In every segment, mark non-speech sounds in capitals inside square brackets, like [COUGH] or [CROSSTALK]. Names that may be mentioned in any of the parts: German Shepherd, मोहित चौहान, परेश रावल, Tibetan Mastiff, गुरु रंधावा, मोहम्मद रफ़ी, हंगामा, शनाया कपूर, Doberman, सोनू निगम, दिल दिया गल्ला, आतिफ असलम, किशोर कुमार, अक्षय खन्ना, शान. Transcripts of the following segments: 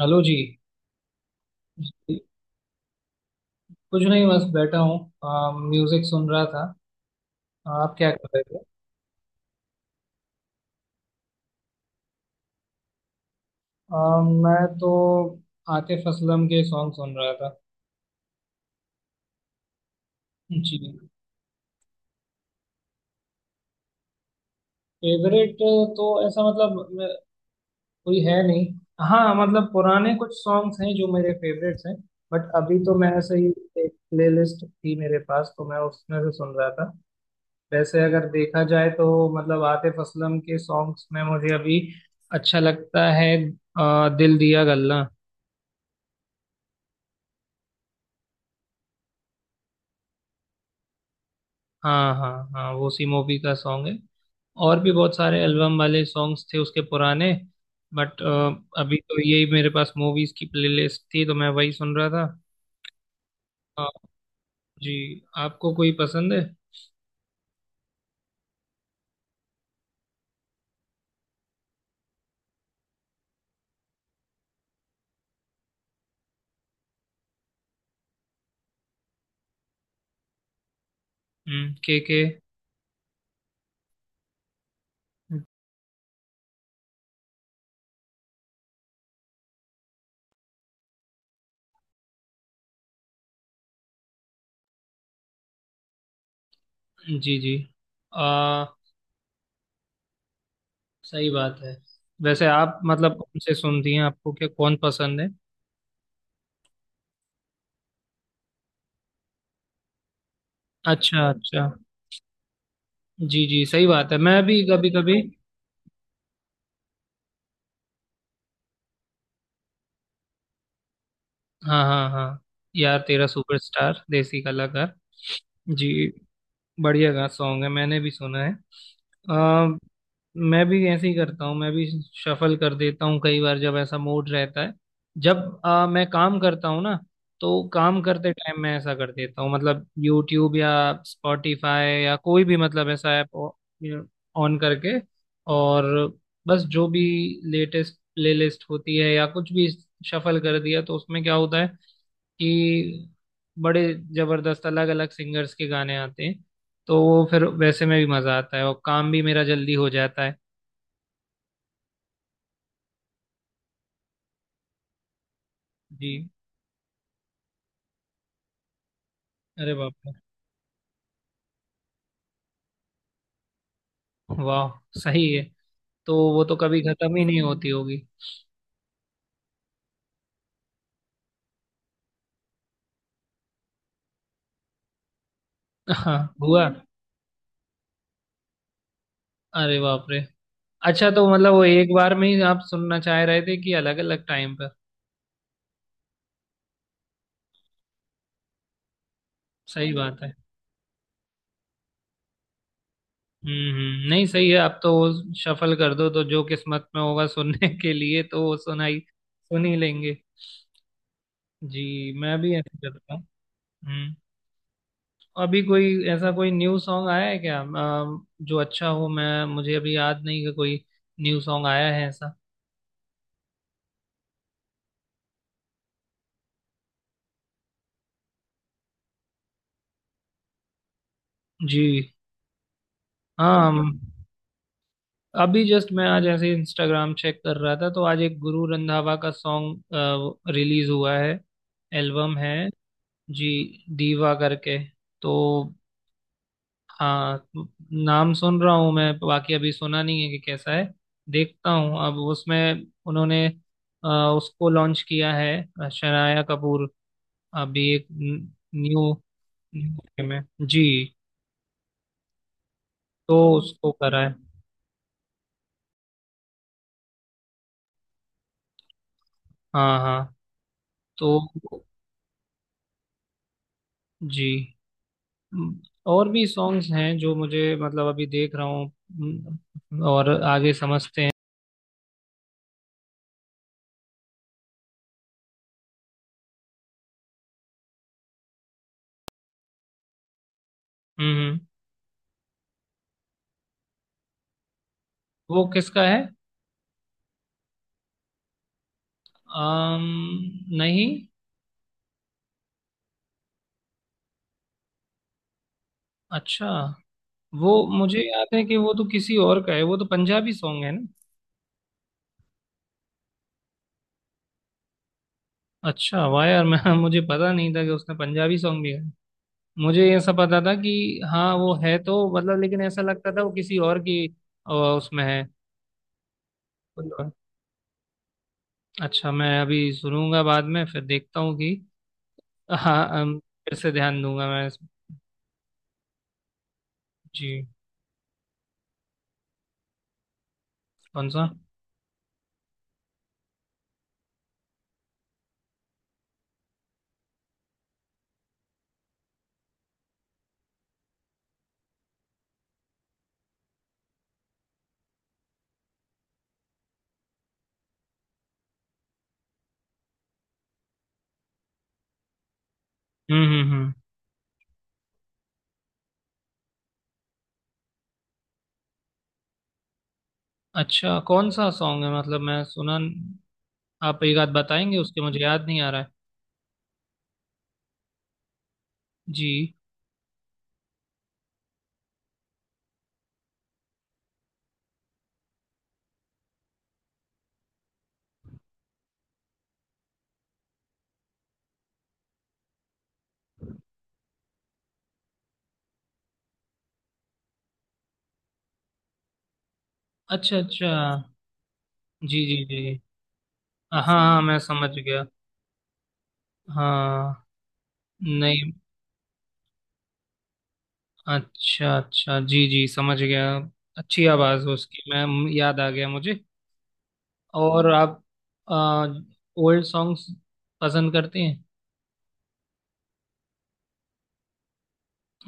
Hello जी। कुछ नहीं, बस बैठा हूँ। म्यूजिक सुन रहा था। आप क्या कर रहे थे? मैं तो आतिफ असलम के सॉन्ग सुन रहा था। जी। फेवरेट? तो ऐसा मतलब कोई है नहीं। हाँ मतलब पुराने कुछ सॉन्ग्स हैं जो मेरे फेवरेट्स हैं। बट अभी तो मैं ऐसे ही एक प्लेलिस्ट थी मेरे पास, तो मैं उसमें से सुन रहा था। वैसे अगर देखा जाए तो, मतलब आतिफ असलम के सॉन्ग्स में मुझे अभी अच्छा लगता है दिल दिया गल्ला। हाँ हाँ हाँ, वो सी मूवी का सॉन्ग है। और भी बहुत सारे एल्बम वाले सॉन्ग्स थे उसके पुराने। बट अभी तो यही मेरे पास मूवीज की प्लेलिस्ट थी तो मैं वही सुन रहा था। आ, जी आपको कोई पसंद है? हम्म, के के। जी जी। आ, सही बात है। वैसे आप मतलब कौन से सुनती हैं? आपको क्या कौन पसंद है? अच्छा अच्छा, जी जी सही बात है। मैं भी कभी कभी। हाँ हाँ हाँ, यार तेरा सुपरस्टार देसी कलाकार। जी। बढ़िया गा सॉन्ग है, मैंने भी सुना है। आ, मैं भी ऐसे ही करता हूँ, मैं भी शफल कर देता हूँ कई बार जब ऐसा मूड रहता है। जब मैं काम करता हूँ ना, तो काम करते टाइम मैं ऐसा कर देता हूँ। मतलब यूट्यूब या स्पॉटिफाई या कोई भी मतलब ऐसा ऐप ऑन करके, और बस जो भी लेटेस्ट प्लेलिस्ट होती है या कुछ भी शफल कर दिया, तो उसमें क्या होता है कि बड़े जबरदस्त अलग अलग सिंगर्स के गाने आते हैं। तो वो फिर वैसे में भी मजा आता है और काम भी मेरा जल्दी हो जाता है। जी। अरे बाप रे, वाह, सही है। तो वो तो कभी खत्म ही नहीं होती होगी। हाँ। हुआ। अरे बाप रे। अच्छा, तो मतलब वो एक बार में ही आप सुनना चाह रहे थे कि अलग अलग टाइम पर? सही बात है। हम्म, नहीं सही है। आप तो वो शफल कर दो तो जो किस्मत में होगा सुनने के लिए तो वो सुनाई सुन ही लेंगे। जी, मैं भी ऐसे करता हूँ। हम्म। अभी कोई ऐसा कोई न्यू सॉन्ग आया है क्या, जो अच्छा हो? मैं मुझे अभी याद नहीं कि कोई न्यू सॉन्ग आया है ऐसा। जी। हाँ। अभी जस्ट मैं आज ऐसे इंस्टाग्राम चेक कर रहा था तो आज एक गुरु रंधावा का सॉन्ग रिलीज हुआ है, एल्बम है। जी। दीवा करके। तो हाँ, नाम सुन रहा हूँ मैं, बाकी अभी सुना नहीं है कि कैसा है। देखता हूँ अब, उसमें उन्होंने अ, उसको लॉन्च किया है शनाया कपूर। अभी एक न्यू न्यू में। जी। तो उसको करा है। हाँ हाँ। तो जी। हम्म, और भी सॉन्ग्स हैं जो मुझे मतलब अभी देख रहा हूँ। और आगे समझते हैं। हम्म हम्म। वो किसका है? नहीं। अच्छा। वो मुझे याद है कि वो तो किसी और का है, वो तो पंजाबी सॉन्ग है ना। अच्छा वाह यार, मैं मुझे पता नहीं था कि उसने पंजाबी सॉन्ग भी है। मुझे ये सब पता था कि हाँ वो है तो मतलब, लेकिन ऐसा लगता था वो किसी और की उसमें है। अच्छा मैं अभी सुनूंगा बाद में, फिर देखता हूँ कि [LAUGHS] हाँ, फिर से ध्यान दूंगा मैं जी। कौन सा? हम्म। अच्छा कौन सा सॉन्ग है, मतलब मैं सुना। आप एक आध बताएंगे, उसके मुझे याद नहीं आ रहा है। जी। अच्छा अच्छा जी जी जी। हाँ हाँ मैं समझ गया। हाँ नहीं अच्छा अच्छा जी जी समझ गया। अच्छी आवाज़ है उसकी मैम, याद आ गया मुझे। और आप ओल्ड सॉन्ग्स पसंद करते हैं?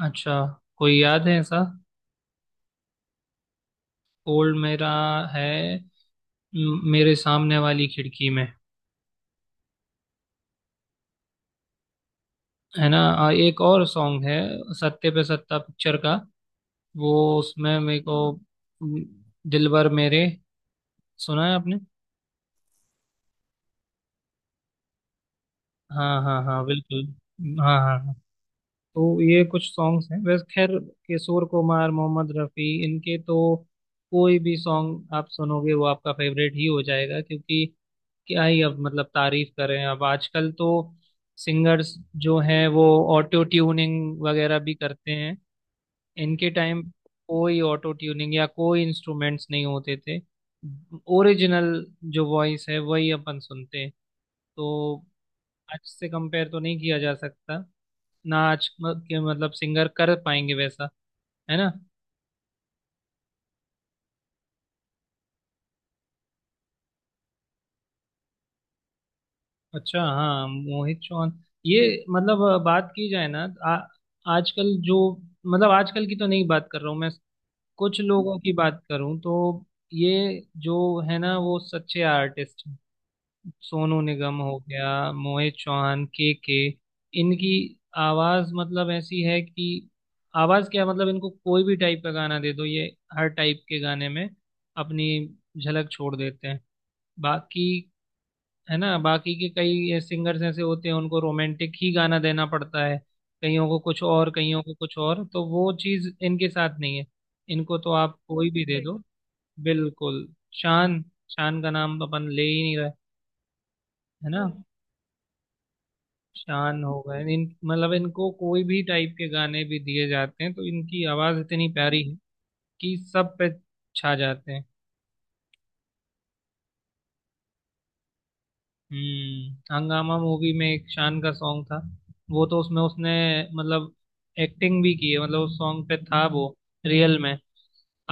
अच्छा कोई याद है ऐसा? ओल्ड मेरा है, मेरे सामने वाली खिड़की में। है ना? एक और सॉन्ग है, सत्ते पे सत्ता पिक्चर का, वो, उसमें मेरे को म, दिलबर मेरे। सुना है आपने? हाँ हाँ हाँ बिल्कुल। हाँ हाँ हाँ। तो ये कुछ सॉन्ग्स हैं, वैसे खैर किशोर कुमार, मोहम्मद रफ़ी, इनके तो कोई भी सॉन्ग आप सुनोगे वो आपका फेवरेट ही हो जाएगा, क्योंकि क्या ही अब मतलब तारीफ करें। अब आजकल तो सिंगर्स जो हैं वो ऑटो ट्यूनिंग वगैरह भी करते हैं। इनके टाइम कोई ऑटो ट्यूनिंग या कोई इंस्ट्रूमेंट्स नहीं होते थे। ओरिजिनल जो वॉइस है वही अपन सुनते हैं। तो आज से कंपेयर तो नहीं किया जा सकता। नाच के मतलब सिंगर कर पाएंगे वैसा? है ना? अच्छा हाँ, मोहित चौहान। ये मतलब बात की जाए ना, आजकल जो मतलब आजकल की तो नहीं बात कर रहा हूँ मैं, कुछ लोगों की बात करूँ तो ये जो है ना वो सच्चे आर्टिस्ट हैं। सोनू निगम हो गया, मोहित चौहान, के के। इनकी आवाज मतलब ऐसी है कि, आवाज क्या मतलब, इनको कोई भी टाइप का गाना दे दो, ये हर टाइप के गाने में अपनी झलक छोड़ देते हैं। बाकी है ना, बाकी के कई सिंगर्स ऐसे होते हैं, उनको रोमांटिक ही गाना देना पड़ता है, कईयों को कुछ और, कईयों को कुछ और। तो वो चीज इनके साथ नहीं है, इनको तो आप कोई भी दे सही दो। बिल्कुल। शान, शान का नाम तो अपन ले ही नहीं रहे। है ना? हम्म। शान हो गए, इन मतलब इनको कोई भी टाइप के गाने भी दिए जाते हैं तो इनकी आवाज इतनी प्यारी है कि सब पे छा जाते हैं। हम्म, हंगामा मूवी में एक शान का सॉन्ग था, वो तो उसमें उसने मतलब एक्टिंग भी की है, मतलब उस सॉन्ग पे था वो, रियल में।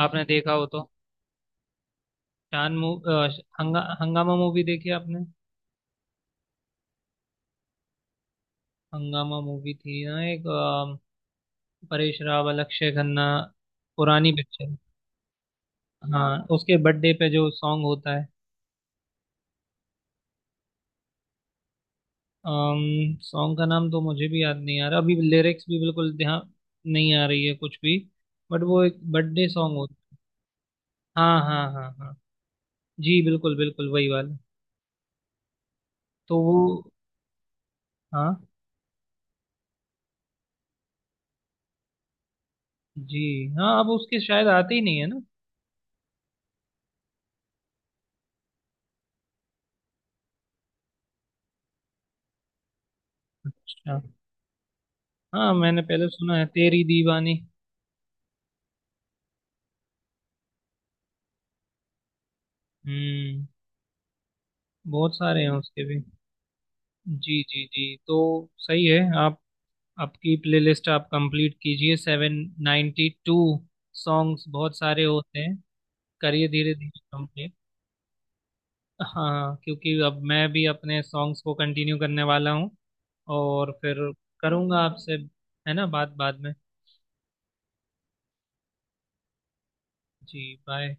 आपने देखा हो तो शान मू अ, श- हंगा, हंगामा मूवी देखी आपने? हंगामा मूवी थी ना एक, परेश रावल, अक्षय खन्ना, पुरानी पिक्चर। हाँ उसके बर्थडे पे जो सॉन्ग होता है। सॉन्ग का नाम तो मुझे भी याद नहीं आ रहा अभी, लिरिक्स भी बिल्कुल ध्यान नहीं आ रही है कुछ भी। बट वो एक बर्थडे सॉन्ग होता। हाँ हाँ हाँ हाँ, जी बिल्कुल बिल्कुल वही वाला। तो वो, हाँ। जी हाँ, अब उसके शायद आते ही नहीं है ना। अच्छा हाँ, मैंने पहले सुना है तेरी दीवानी। हम्म, बहुत सारे हैं उसके भी। जी जी जी। तो सही है आप। आपकी प्लेलिस्ट आप कंप्लीट कीजिए, 792 सॉन्ग्स बहुत सारे होते हैं। करिए धीरे धीरे कंप्लीट। हाँ क्योंकि अब मैं भी अपने सॉन्ग्स को कंटिन्यू करने वाला हूँ और फिर करूँगा आपसे, है ना, बात बाद में। जी बाय।